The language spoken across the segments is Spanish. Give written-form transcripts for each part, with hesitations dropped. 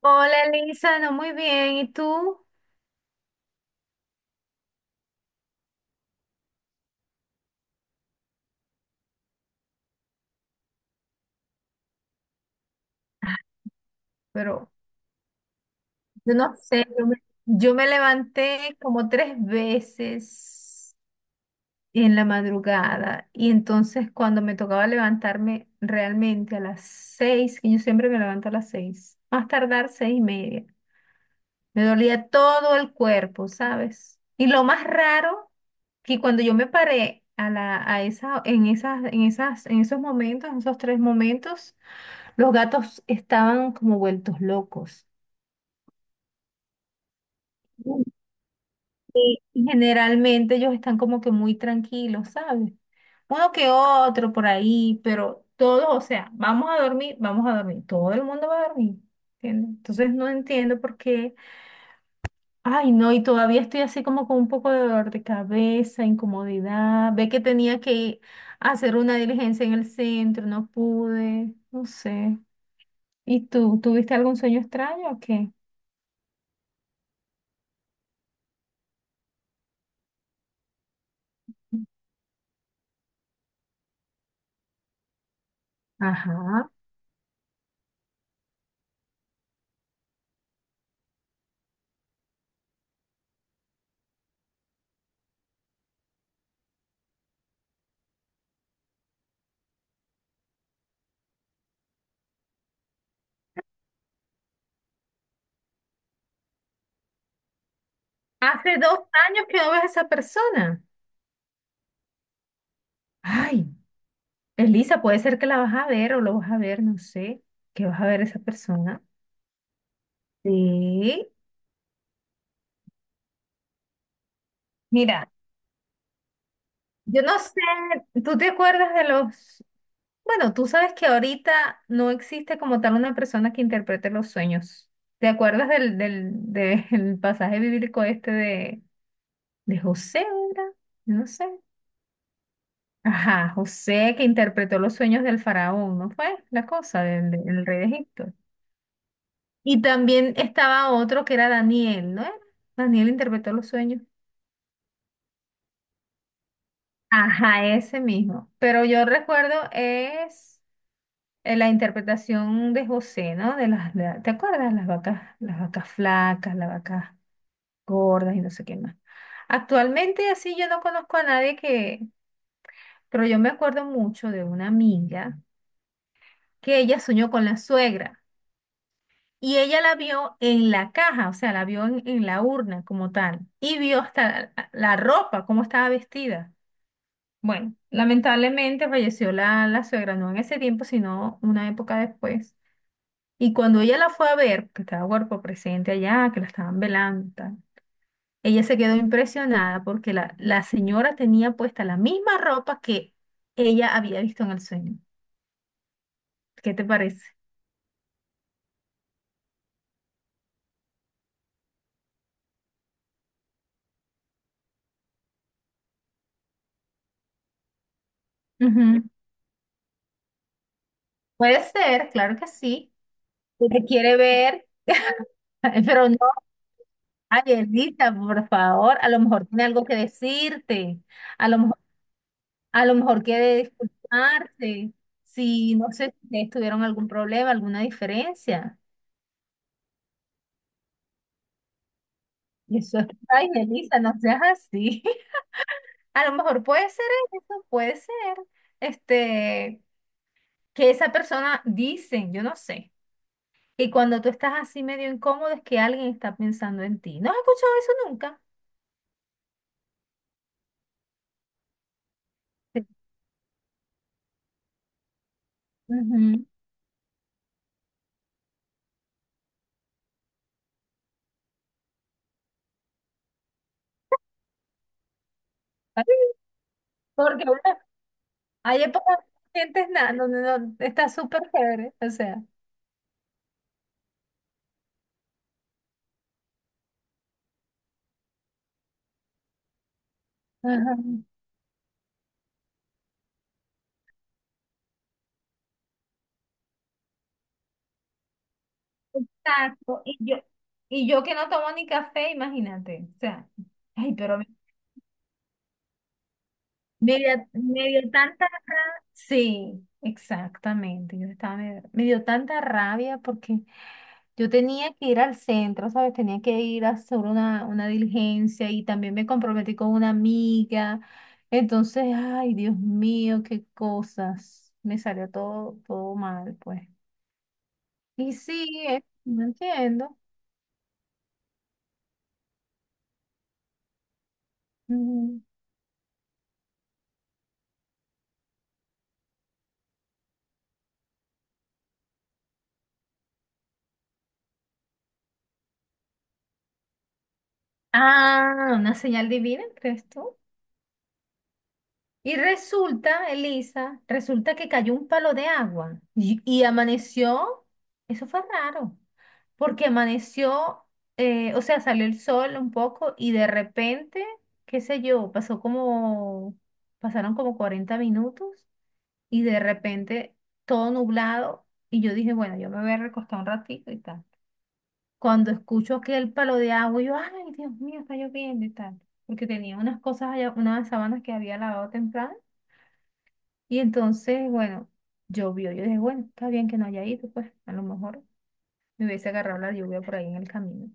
Hola, Elisa, no muy bien. ¿Y tú? Pero yo no sé, yo me levanté como tres veces en la madrugada y entonces cuando me tocaba levantarme realmente a las 6, que yo siempre me levanto a las 6, más tardar 6:30, me dolía todo el cuerpo, ¿sabes? Y lo más raro, que cuando yo me paré a la, a esa, en esos tres momentos, los gatos estaban como vueltos locos. Y generalmente ellos están como que muy tranquilos, ¿sabes? Uno que otro por ahí, pero todos, o sea, vamos a dormir, todo el mundo va a dormir, ¿entiendes? Entonces no entiendo por qué. Ay no, y todavía estoy así como con un poco de dolor de cabeza, incomodidad. Ve que tenía que hacer una diligencia en el centro, no pude, no sé. ¿Y tú, tuviste algún sueño extraño o qué? Ajá. Hace 2 años que no ves a esa persona. Ay, Elisa, puede ser que la vas a ver o lo vas a ver, no sé, que vas a ver a esa persona. Sí. Mira, yo no sé, ¿tú te acuerdas de los... Bueno, tú sabes que ahorita no existe como tal una persona que interprete los sueños. ¿Te acuerdas del pasaje bíblico este de José, era? No sé. Ajá, José que interpretó los sueños del faraón, ¿no fue? La cosa del, del rey de Egipto. Y también estaba otro que era Daniel, ¿no? era? Daniel interpretó los sueños. Ajá, ese mismo. Pero yo recuerdo es la interpretación de José, ¿no? De las, ¿te acuerdas? Las vacas flacas, las vacas gordas y no sé qué más. Actualmente así yo no conozco a nadie que, pero yo me acuerdo mucho de una amiga que ella soñó con la suegra. Y ella la vio en la caja, o sea, la vio en la urna como tal, y vio hasta la ropa, cómo estaba vestida. Bueno, lamentablemente falleció la suegra, no en ese tiempo, sino una época después. Y cuando ella la fue a ver, que estaba cuerpo presente allá, que la estaban velando, y tal, ella se quedó impresionada porque la señora tenía puesta la misma ropa que ella había visto en el sueño. ¿Qué te parece? Ujú. Puede ser, claro que sí. Que te quiere ver. Pero no. Ay, Elisa, por favor, a lo mejor tiene algo que decirte, a lo mejor, a lo mejor quiere disculparse, si no sé si ustedes tuvieron algún problema, alguna diferencia. Y eso es, ay, Elisa, no seas así. A lo mejor puede ser eso, puede ser, este, que esa persona dice, yo no sé, que cuando tú estás así medio incómodo es que alguien está pensando en ti. ¿No has escuchado eso nunca? Sí. Ujú. Porque una Hay épocas que no sientes nada, donde no, está súper chévere, o sea. Ajá. Exacto. Y yo que no tomo ni café, imagínate. O sea, ay, pero me dio, me dio tanta rabia. Sí, exactamente. Yo estaba medio- me dio tanta rabia porque yo tenía que ir al centro, ¿sabes? Tenía que ir a hacer una diligencia y también me comprometí con una amiga. Entonces, ay, Dios mío, qué cosas. Me salió todo, todo mal, pues. Y sí, no entiendo. Ujú. Ah, una señal divina, ¿crees tú? Y resulta, Elisa, resulta que cayó un palo de agua y amaneció, eso fue raro, porque amaneció, o sea, salió el sol un poco y de repente, qué sé yo, pasaron como 40 minutos y de repente todo nublado y yo dije, bueno, yo me voy a recostar un ratito y tal. Cuando escucho aquel palo de agua, yo, ay, Dios mío, está lloviendo y tal, porque tenía unas cosas allá, unas sábanas que había lavado temprano, y entonces, bueno, llovió, yo dije, bueno, está bien que no haya ido, pues, a lo mejor me hubiese agarrado la lluvia por ahí en el camino.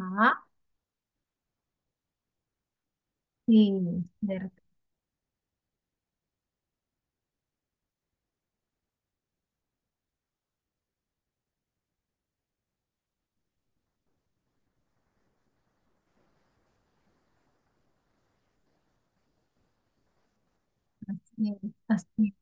Ah, sí, ver- así es, así.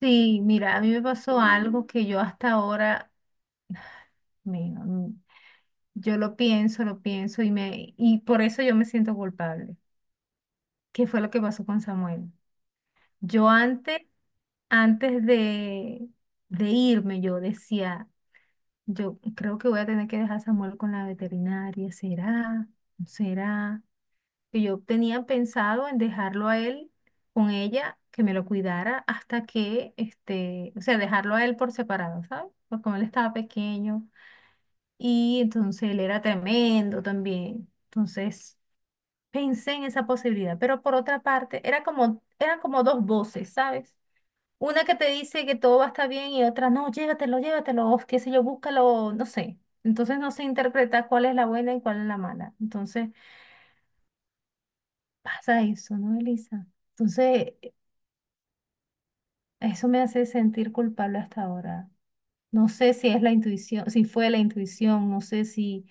Sí, mira, a mí me pasó algo que yo hasta ahora, me mm, yo lo pienso y por eso yo me siento culpable. ¿Qué fue lo que pasó con Samuel? Yo antes, de irme, yo decía, yo creo que voy a tener que dejar a Samuel con la veterinaria, ¿será? ¿No será? Que yo tenía pensado en dejarlo a él con ella, que me lo cuidara hasta que, este, o sea, dejarlo a él por separado, ¿sabes? Porque como él estaba pequeño y entonces él era tremendo también. Entonces pensé en esa posibilidad, pero por otra parte, era como, eran como dos voces, ¿sabes? Una que te dice que todo va a estar bien y otra, no, llévatelo, llévatelo, o qué sé yo, búscalo, no sé. Entonces no se interpreta cuál es la buena y cuál es la mala. Entonces pasa eso, ¿no, Elisa? Entonces eso me hace sentir culpable hasta ahora. No sé si es la intuición, si fue la intuición, no sé si...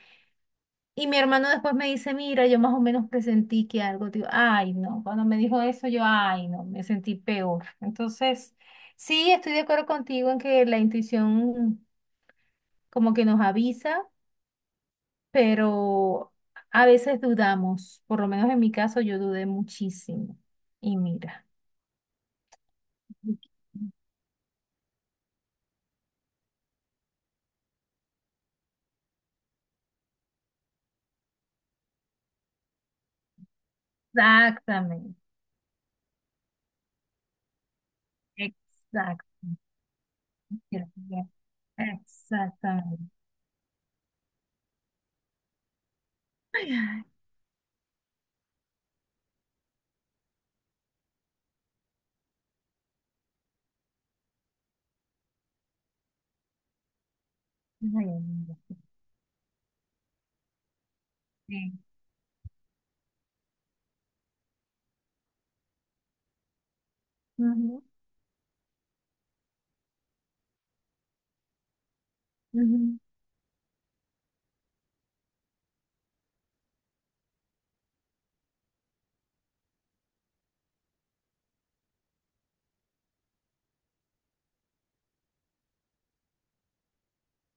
Y mi hermano después me dice, mira, yo más o menos presentí que algo, digo, ay, no. Cuando me dijo eso, yo, ay, no, me sentí peor. Entonces, sí, estoy de acuerdo contigo en que la intuición... como que nos avisa, pero a veces dudamos, por lo menos en mi caso yo dudé muchísimo. Y mira, exactamente, exacto, exactamente. Ay, ay, ay, amiga, sí, ujú, ujú,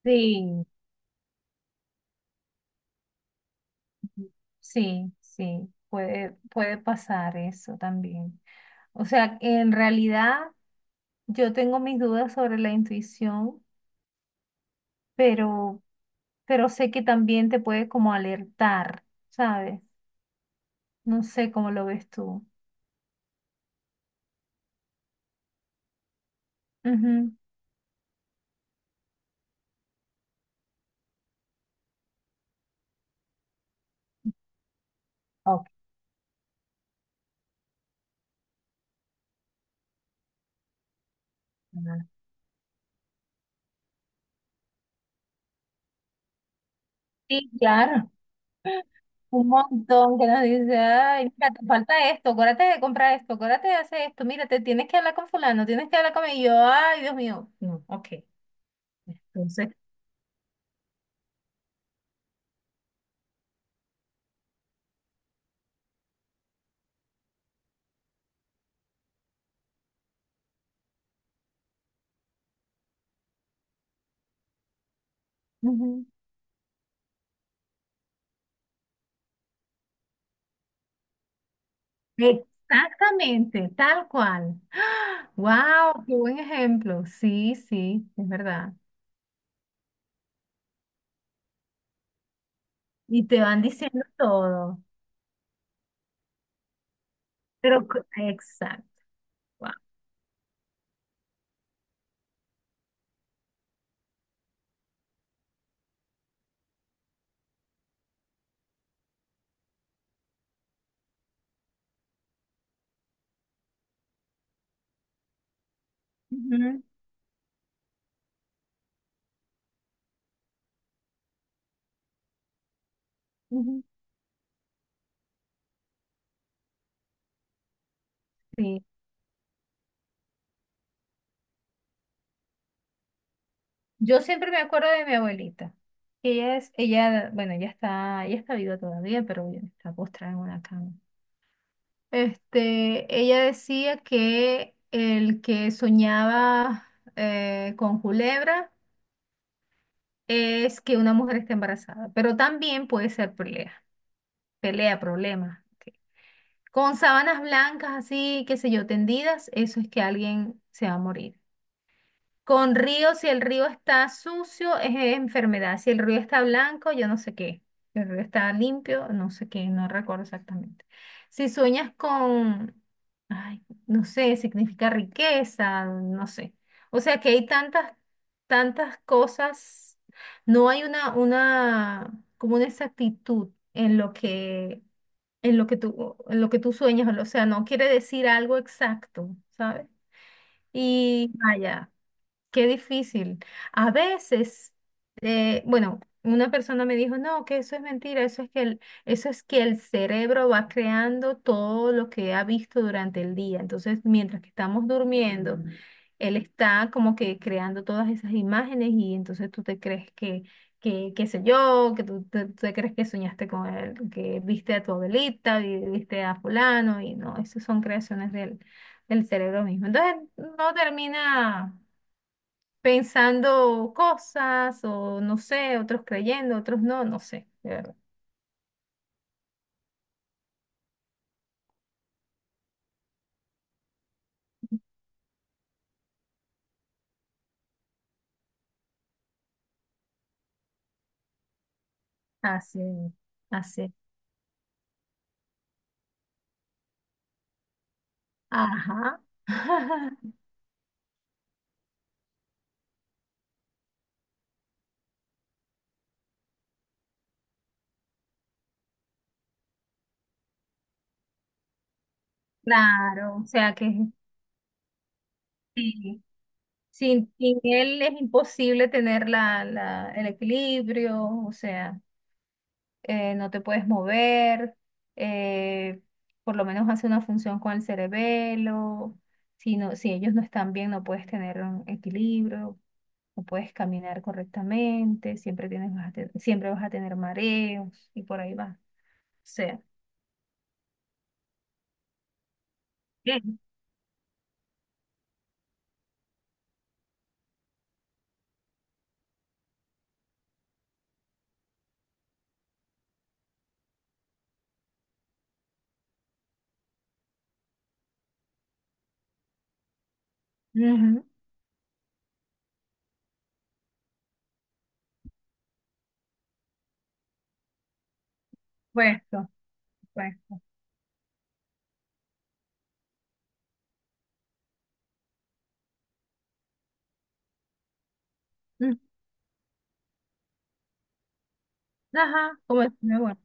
sí, sí, sí, puede pasar eso también. O sea, en realidad yo tengo mis dudas sobre la intuición. pero, pero sé que también te puede como alertar, ¿sabes? No sé cómo lo ves tú. Ujú. Ok. Sí, claro. Un montón que nos dice, ay, mira, te falta esto, acuérdate de comprar esto, acuérdate de hacer esto, mira, te tienes que hablar con fulano, tienes que hablar con y yo, ay, Dios mío. No, ok. Entonces, ujú, exactamente, tal cual. Wow, qué buen ejemplo. Sí, sí, es verdad. Y te van diciendo todo. Pero, exacto. Wow. Ujú, ujú. Sí. Yo siempre me acuerdo de mi abuelita. Bueno, ella está viva todavía, pero bueno, está postrada en una cama. Este, ella decía que el que soñaba con culebra es que una mujer está embarazada, pero también puede ser pelea, pelea, problema. Con sábanas blancas así, qué sé yo, tendidas, eso es que alguien se va a morir. Con río, si el río está sucio, es enfermedad. Si el río está blanco, yo no sé qué. Si el río está limpio, no sé qué, no recuerdo exactamente. Si sueñas con, ay, no sé, significa riqueza, no sé. O sea que hay tantas, tantas cosas. No hay como una exactitud en lo que tú sueñas. O sea, no quiere decir algo exacto, ¿sabes? Y vaya. Qué difícil. A veces, bueno, una persona me dijo, no, que eso es mentira, eso es que el cerebro va creando todo lo que ha visto durante el día. Entonces, mientras que estamos durmiendo, ujú, él está como que creando todas esas imágenes y entonces tú te crees que, qué sé yo, que tú te crees que soñaste con él, que viste a tu abuelita, viste a fulano y no, esas son creaciones del cerebro mismo. Entonces, no termina pensando cosas o no sé, otros creyendo, otros no, no sé, de verdad. Así, así. Ajá. Claro, o sea que sí, sin él es imposible tener la, el equilibrio, o sea, no te puedes mover, eh, por lo menos hace una función con el cerebelo, si, si ellos no están bien no puedes tener un equilibrio. No puedes caminar correctamente, siempre tienes, siempre vas a tener mareos y por ahí va. O sea, ¿qué? Ujú, puesto, puesto. Mm, ajá, como es muy bueno.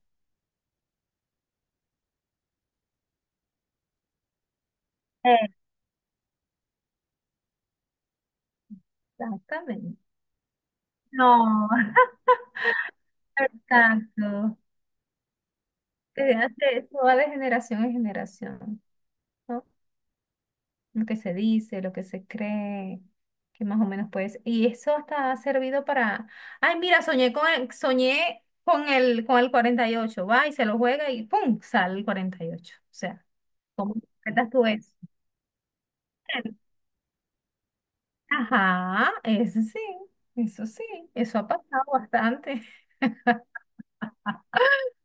Exactamente. No. Exacto. Eso va de generación en generación. No lo que se dice, lo que se cree, que más o menos puedes. Y eso hasta ha servido para, ay, mira, con el 48 va y se lo juega y ¡pum! Sale el 48. O sea, ¿cómo interpretas tú eso? Ajá, eso sí, eso sí, eso ha pasado bastante.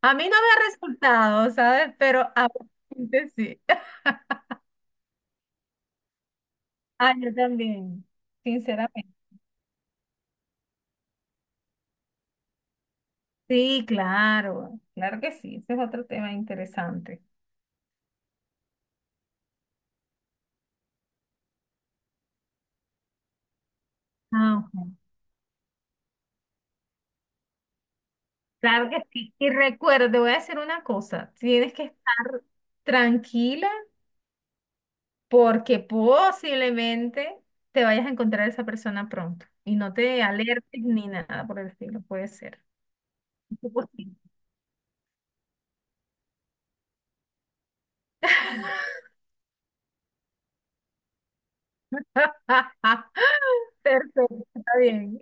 A mí no me ha resultado, ¿sabes? Pero a gente sí. Ah, yo también, sinceramente. Sí, claro, claro que sí, ese es otro tema interesante. Ah, ok. Claro que sí. Y recuerda, te voy a decir una cosa, tienes que estar tranquila porque posiblemente te vayas a encontrar esa persona pronto y no te alertes ni nada por el estilo, puede ser. Es posible. Perfecto, está bien.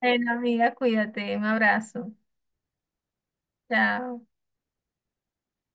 Bueno, amiga, cuídate, un abrazo. Chao.